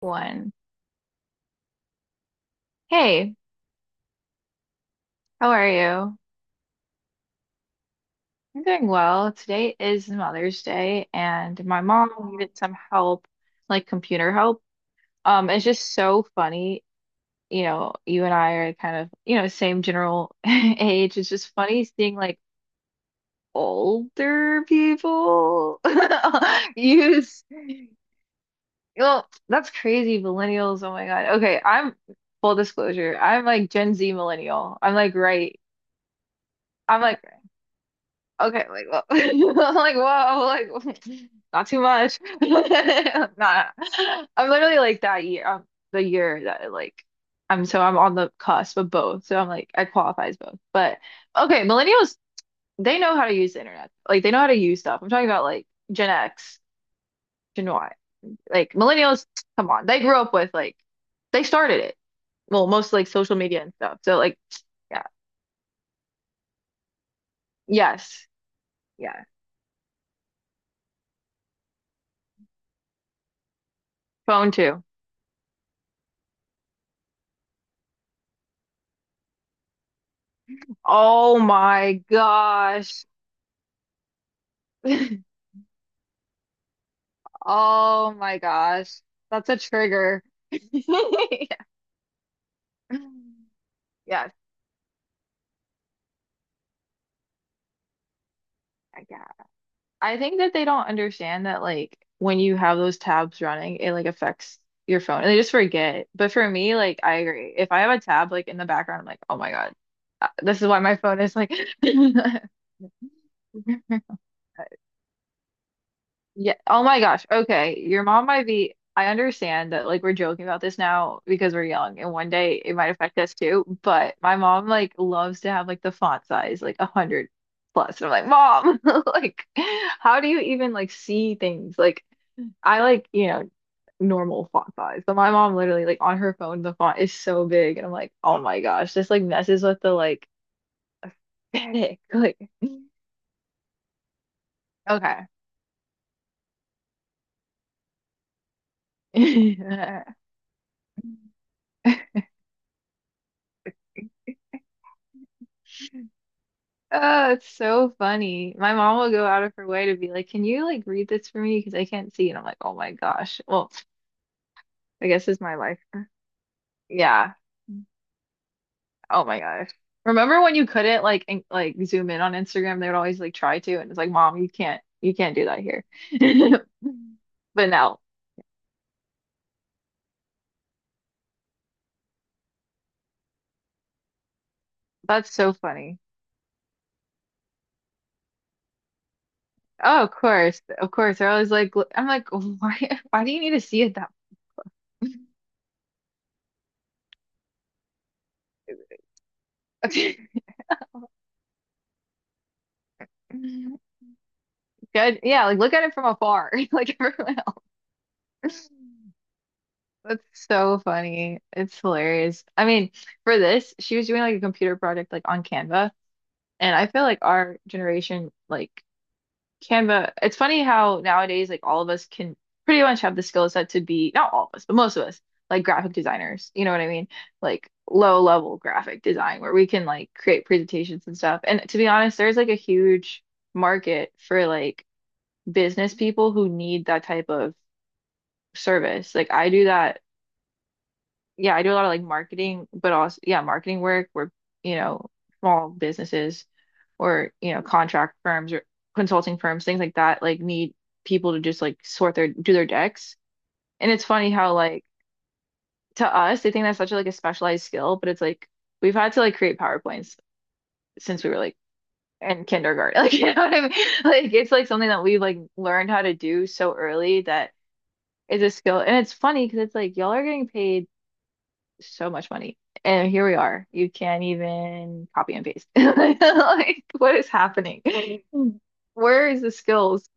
One. Hey, how are you? I'm doing well. Today is Mother's Day, and my mom needed some help, like computer help. It's just so funny. You know, you and I are kind of, you know, same general age. It's just funny seeing like older people use. Well, that's crazy, millennials. Oh my God. Okay, I'm full disclosure. I'm like Gen Z millennial. I'm like right. I'm like okay, like, well, I'm like, whoa, like, not too much. Nah, I'm literally like that year, the year that I, like, I'm on the cusp of both. So I'm like, I qualify as both. But okay, millennials, they know how to use the internet. Like, they know how to use stuff. I'm talking about like Gen X, Gen Y. Like, millennials, come on, they grew up with like, they started it. Well, most like social media and stuff. So like, yeah, yes, yeah, phone too. Oh my gosh. Oh my gosh. That's a trigger. Yes. Yeah. I think that they don't understand that like when you have those tabs running, it like affects your phone and they just forget. But for me, like I agree. If I have a tab like in the background, I'm like, oh my God, this is why my phone is like Yeah. Oh my gosh. Okay. Your mom might be, I understand that like we're joking about this now because we're young and one day it might affect us too. But my mom like loves to have like the font size like a hundred plus. And I'm like, Mom, like how do you even like see things? Like I like, you know, normal font size. But my mom literally like on her phone the font is so big and I'm like, oh my gosh, this like messes with the like aesthetic. Like okay. Oh, it's so funny. My mom will go out of her way to be like, "Can you like read this for me? Because I can't see." And I'm like, "Oh my gosh." Well, I guess it's my life. Yeah. Oh my gosh. Remember when you couldn't like in like zoom in on Instagram? They would always like try to, and it's like, "Mom, you can't do that here." But no, that's so funny. Oh, of course. They're always like, I'm like, why? Why do you need to see it that? Good. Yeah, like look at it from afar, like everyone else. That's so funny. It's hilarious. I mean, for this, she was doing like a computer project like on Canva, and I feel like our generation like Canva, it's funny how nowadays like all of us can pretty much have the skill set to be not all of us, but most of us like graphic designers, you know what I mean? Like low level graphic design where we can like create presentations and stuff. And to be honest, there's like a huge market for like business people who need that type of service. Like I do that yeah, I do a lot of like marketing, but also yeah, marketing work where, you know, small businesses or, you know, contract firms or consulting firms, things like that, like need people to just like sort their do their decks. And it's funny how like to us they think that's such a, like a specialized skill, but it's like we've had to like create PowerPoints since we were like in kindergarten. Like you know what I mean? Like it's like something that we've like learned how to do so early that it's a skill. And it's funny because it's like y'all are getting paid so much money. And here we are. You can't even copy and paste. Like, what is happening? Where is the skills?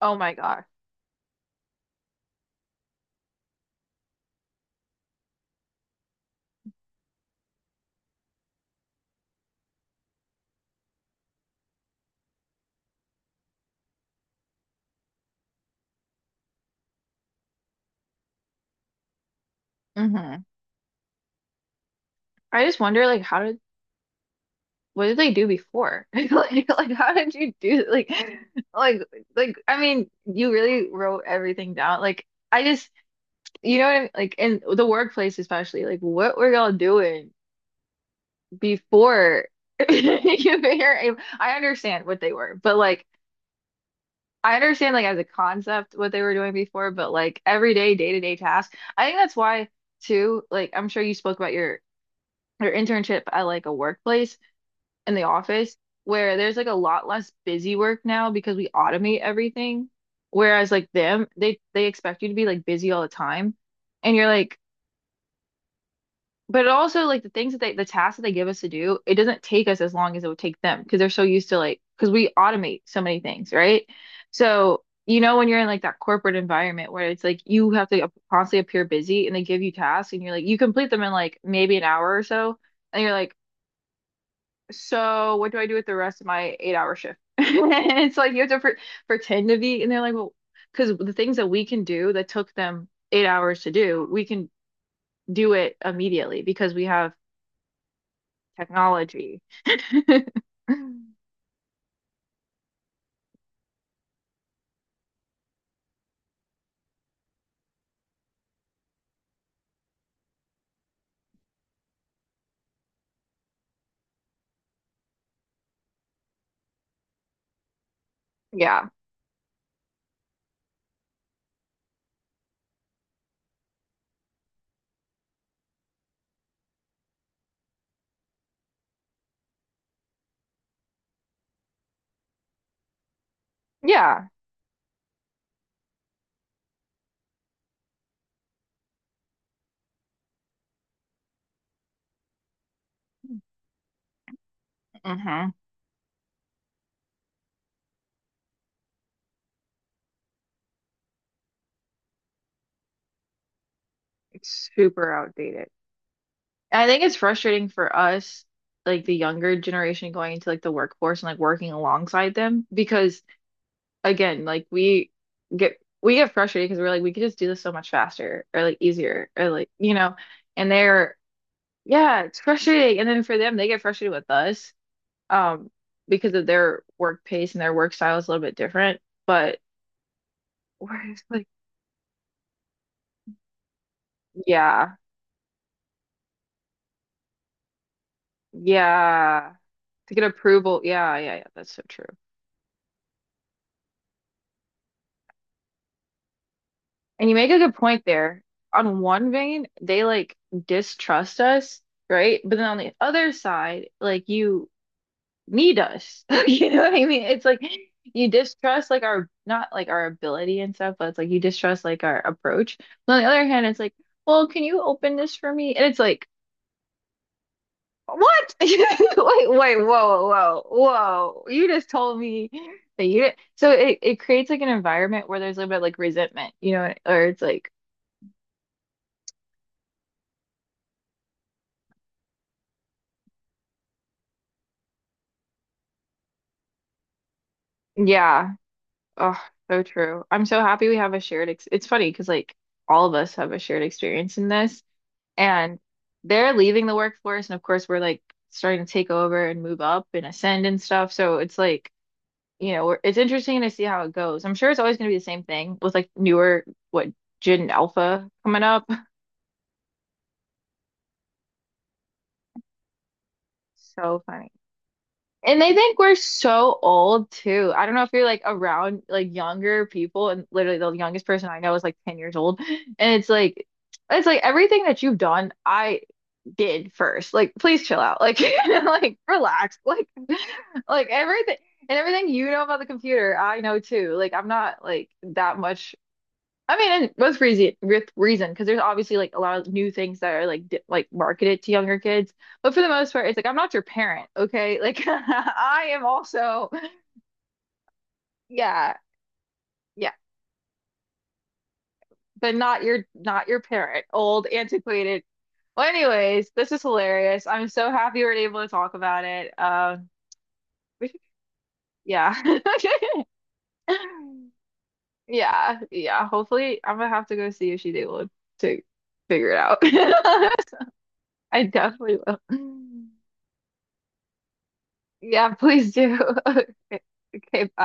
Oh my God. Hmm I just wonder, like, how did, what did they do before? Like, how did you do, like, like, like, I mean, you really wrote everything down. Like, I just, you know what I mean? Like, in the workplace especially, like, what were y'all doing before you were able, I understand what they were, but like, I understand like as a concept what they were doing before, but like everyday day-to-day tasks. I think that's why too, like I'm sure you spoke about your internship at like a workplace in the office where there's like a lot less busy work now because we automate everything. Whereas like them, they expect you to be like busy all the time. And you're like, but also like the things that they, the tasks that they give us to do, it doesn't take us as long as it would take them because they're so used to like, because we automate so many things, right? So, you know, when you're in like that corporate environment where it's like you have to constantly appear busy and they give you tasks and you're like, you complete them in like maybe an hour or so. And you're like, so what do I do with the rest of my 8 hour shift? And it's like you have to pretend to be, and they're like, well, because the things that we can do that took them 8 hours to do, we can do it immediately because we have technology. Yeah. Yeah. hmm It's super outdated. And I think it's frustrating for us, like the younger generation going into like the workforce and like working alongside them because again, like we get frustrated because we're like we could just do this so much faster or like easier or like you know, and they're yeah, it's frustrating. And then for them, they get frustrated with us um because of their work pace and their work style is a little bit different, but we're just like yeah. Yeah. To get approval. Yeah, yeah, yeah. That's so true. And you make a good point there. On one vein, they like distrust us, right? But then on the other side, like you need us. You know what I mean? It's like you distrust like our not like our ability and stuff, but it's like you distrust like our approach. But on the other hand, it's like, well, can you open this for me? And it's like what? Wait, wait, whoa, whoa, whoa. You just told me that you did so it creates like an environment where there's a little bit like resentment, you know, or it's like, yeah, oh, so true. I'm so happy we have a shared ex it's funny because like all of us have a shared experience in this and they're leaving the workforce and of course we're like starting to take over and move up and ascend and stuff. So it's like, you know, we're, it's interesting to see how it goes. I'm sure it's always going to be the same thing with like newer what Gen Alpha coming up so funny. And they think we're so old too. I don't know if you're like around like younger people, and literally the youngest person I know is like 10 years old. And it's like everything that you've done, I did first. Like, please chill out. Like, you know, like relax. Like everything and everything you know about the computer, I know too. Like, I'm not like that much I mean, and with reason, because there's obviously like a lot of new things that are like di like marketed to younger kids. But for the most part, it's like I'm not your parent, okay? Like I am also, yeah, yeah, but not your not your parent, old, antiquated. Well, anyways, this is hilarious. I'm so happy we are able to talk about it. We should- yeah, yeah, yeah. Hopefully, I'm gonna have to go see if she's able to figure it out. I definitely will. Yeah, please do. Okay, okay, bye.